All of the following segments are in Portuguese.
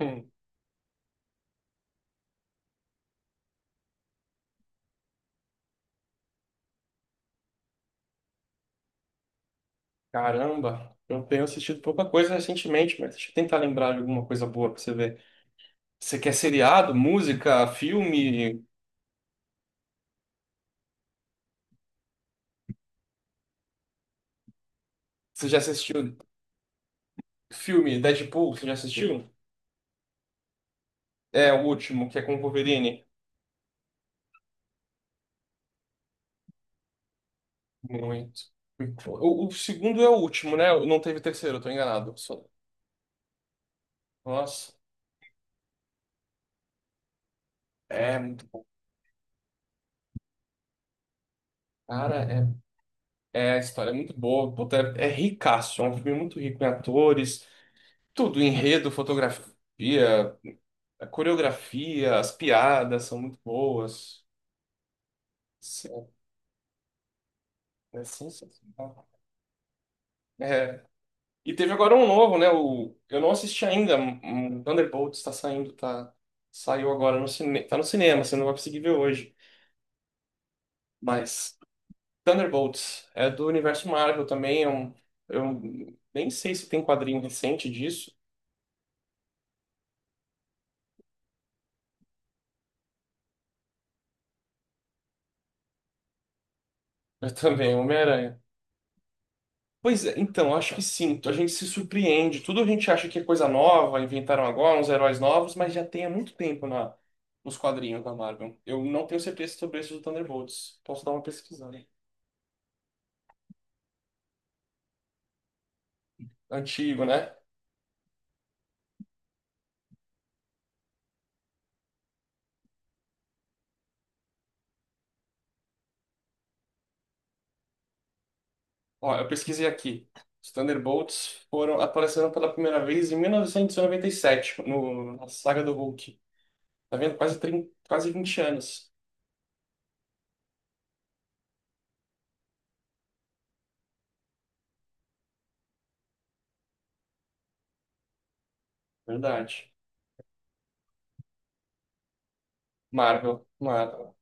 Hum, Caramba, eu tenho assistido pouca coisa recentemente, mas deixa eu tentar lembrar de alguma coisa boa pra você ver. Você quer seriado, música, filme? Você já assistiu filme Deadpool? Você já assistiu? É o último, que é com o Wolverine. Muito. O segundo é o último, né? Não teve terceiro, eu tô enganado. Nossa, é muito. Cara, a história é muito boa. Puta, é ricaço, é um filme muito rico em atores, tudo, enredo, fotografia. A coreografia, as piadas são muito boas. Se- É sensacional. É. E teve agora um novo, né? O... Eu não assisti ainda. Um Thunderbolts está saindo, tá? Saiu agora no cinema. Tá no cinema, você não vai conseguir ver hoje. Mas Thunderbolts é do universo Marvel também. É um... Eu nem sei se tem quadrinho recente disso, mas também é Homem-Aranha. Pois é, então, acho que sim. A gente se surpreende. Tudo a gente acha que é coisa nova, inventaram agora uns heróis novos, mas já tem há muito tempo nos quadrinhos da Marvel. Eu não tenho certeza sobre esse do Thunderbolts. Posso dar uma pesquisada. Antigo, né? Ó, eu pesquisei aqui. Os Thunderbolts foram aparecendo pela primeira vez em 1997, no, na saga do Hulk. Tá vendo? Quase, 30, quase 20 anos. Verdade. Marvel, Marvel.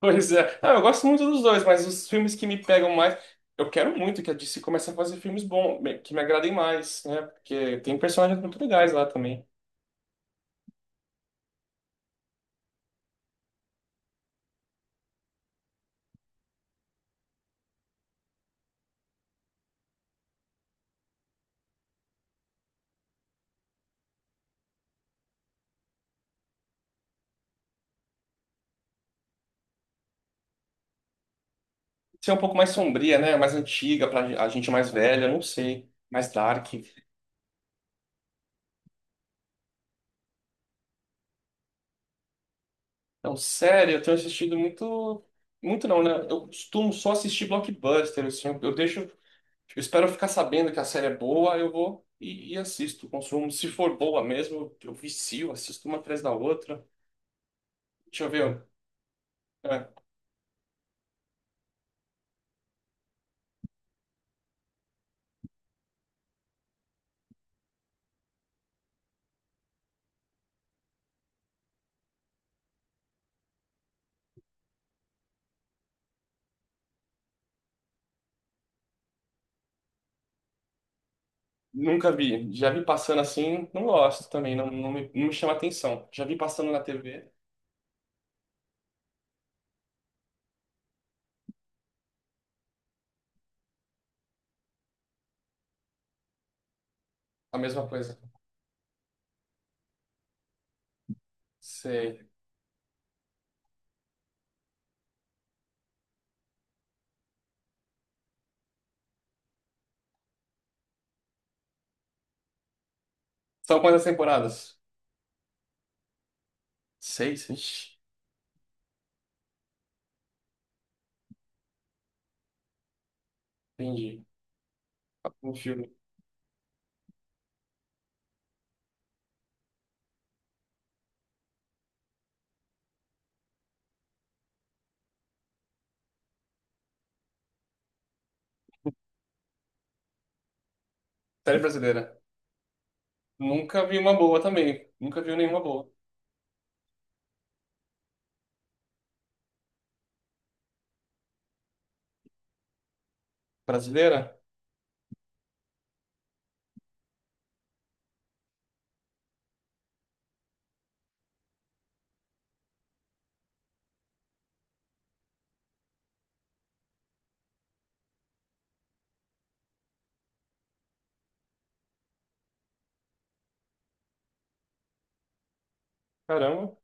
Pois é. Ah, eu gosto muito dos dois, mas os filmes que me pegam mais. Eu quero muito que a DC comece a fazer filmes bons, que me agradem mais, né? Porque tem personagens muito legais lá também. Ser um pouco mais sombria, né? Mais antiga, pra a gente mais velha, não sei. Mais dark. Então, sério, eu tenho assistido muito. Muito não, né? Eu costumo só assistir blockbuster, assim. Eu deixo. Eu espero ficar sabendo que a série é boa, eu vou e assisto, consumo. Se for boa mesmo, eu vicio, assisto uma atrás da outra. Deixa eu ver. Nunca vi. Já vi passando assim, não gosto também, não me chama atenção. Já vi passando na TV, a mesma coisa. Sei. São quantas temporadas? Seis? Ixi, entendi. Um filme. Série brasileira. Nunca vi uma boa também. Nunca vi nenhuma boa. Brasileira? Caramba.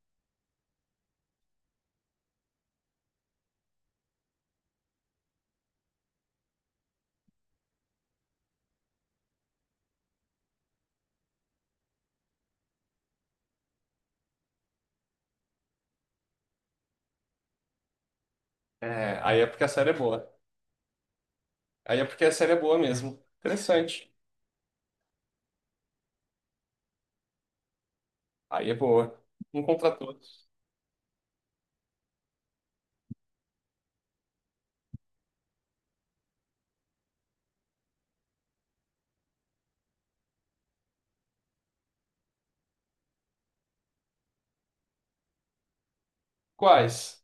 É, aí é porque a série é boa. Aí é porque a série é boa mesmo. Interessante. Aí é boa. Um contra todos. Quais?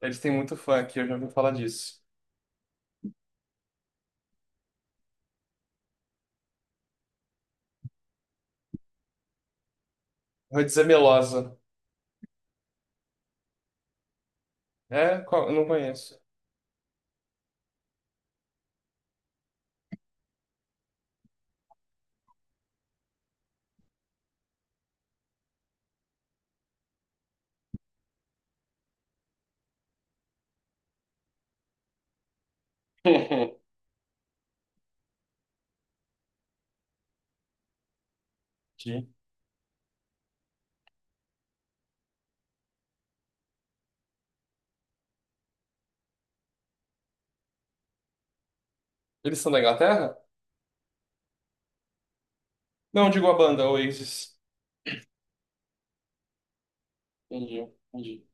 Eles têm muito fã aqui, eu já ouvi falar disso. Vou dizer Melosa. É? Qual? Eu não conheço. Entendi. Eles são da Inglaterra? Não, digo a banda, Oasis. Entendi, entendi.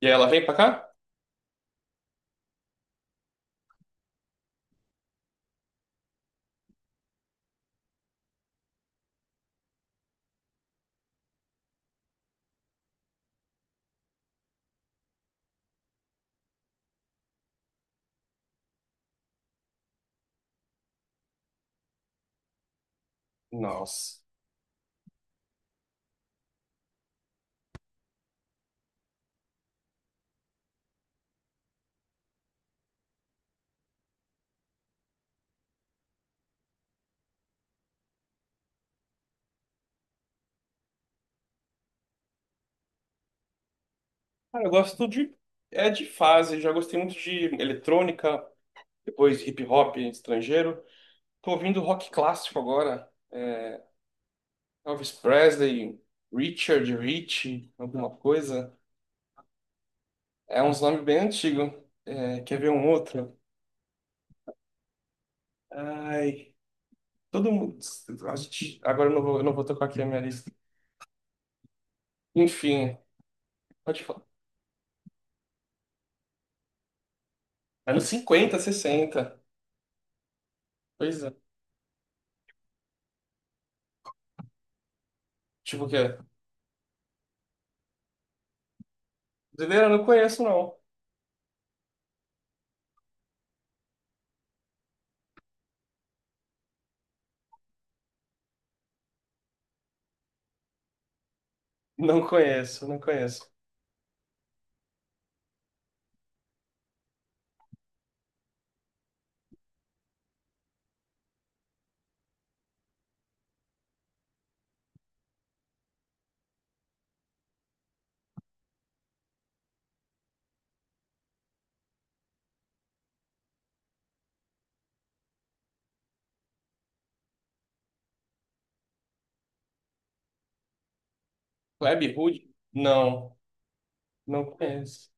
E ela vem pra cá? Nossa. Cara, eu gosto de. É de fase, já gostei muito de eletrônica, depois hip hop estrangeiro. Tô ouvindo rock clássico agora. Elvis Presley, Richard Rich, alguma coisa. É uns nomes bem antigos. É, quer ver um outro? Ai, todo mundo. A gente... Agora eu não vou tocar aqui a minha lista. Enfim, pode falar. Anos 50, 60. Pois é. Tipo o quê? Brasileira? Não conheço, não. Não conheço, não conheço. Web Hood? Não, não conheço.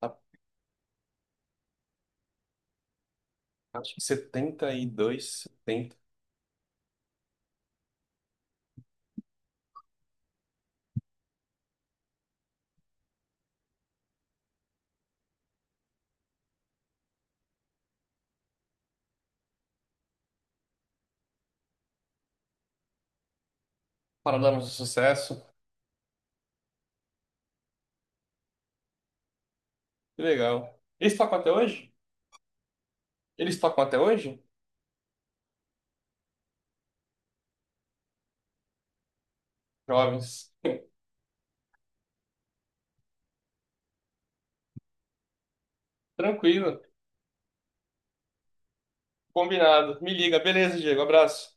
Tá. Acho que 72. 70. Paralamas do Sucesso. Que legal. Eles tocam até hoje? Eles tocam até hoje? Jovens. Tranquilo. Combinado. Me liga. Beleza, Diego. Abraço.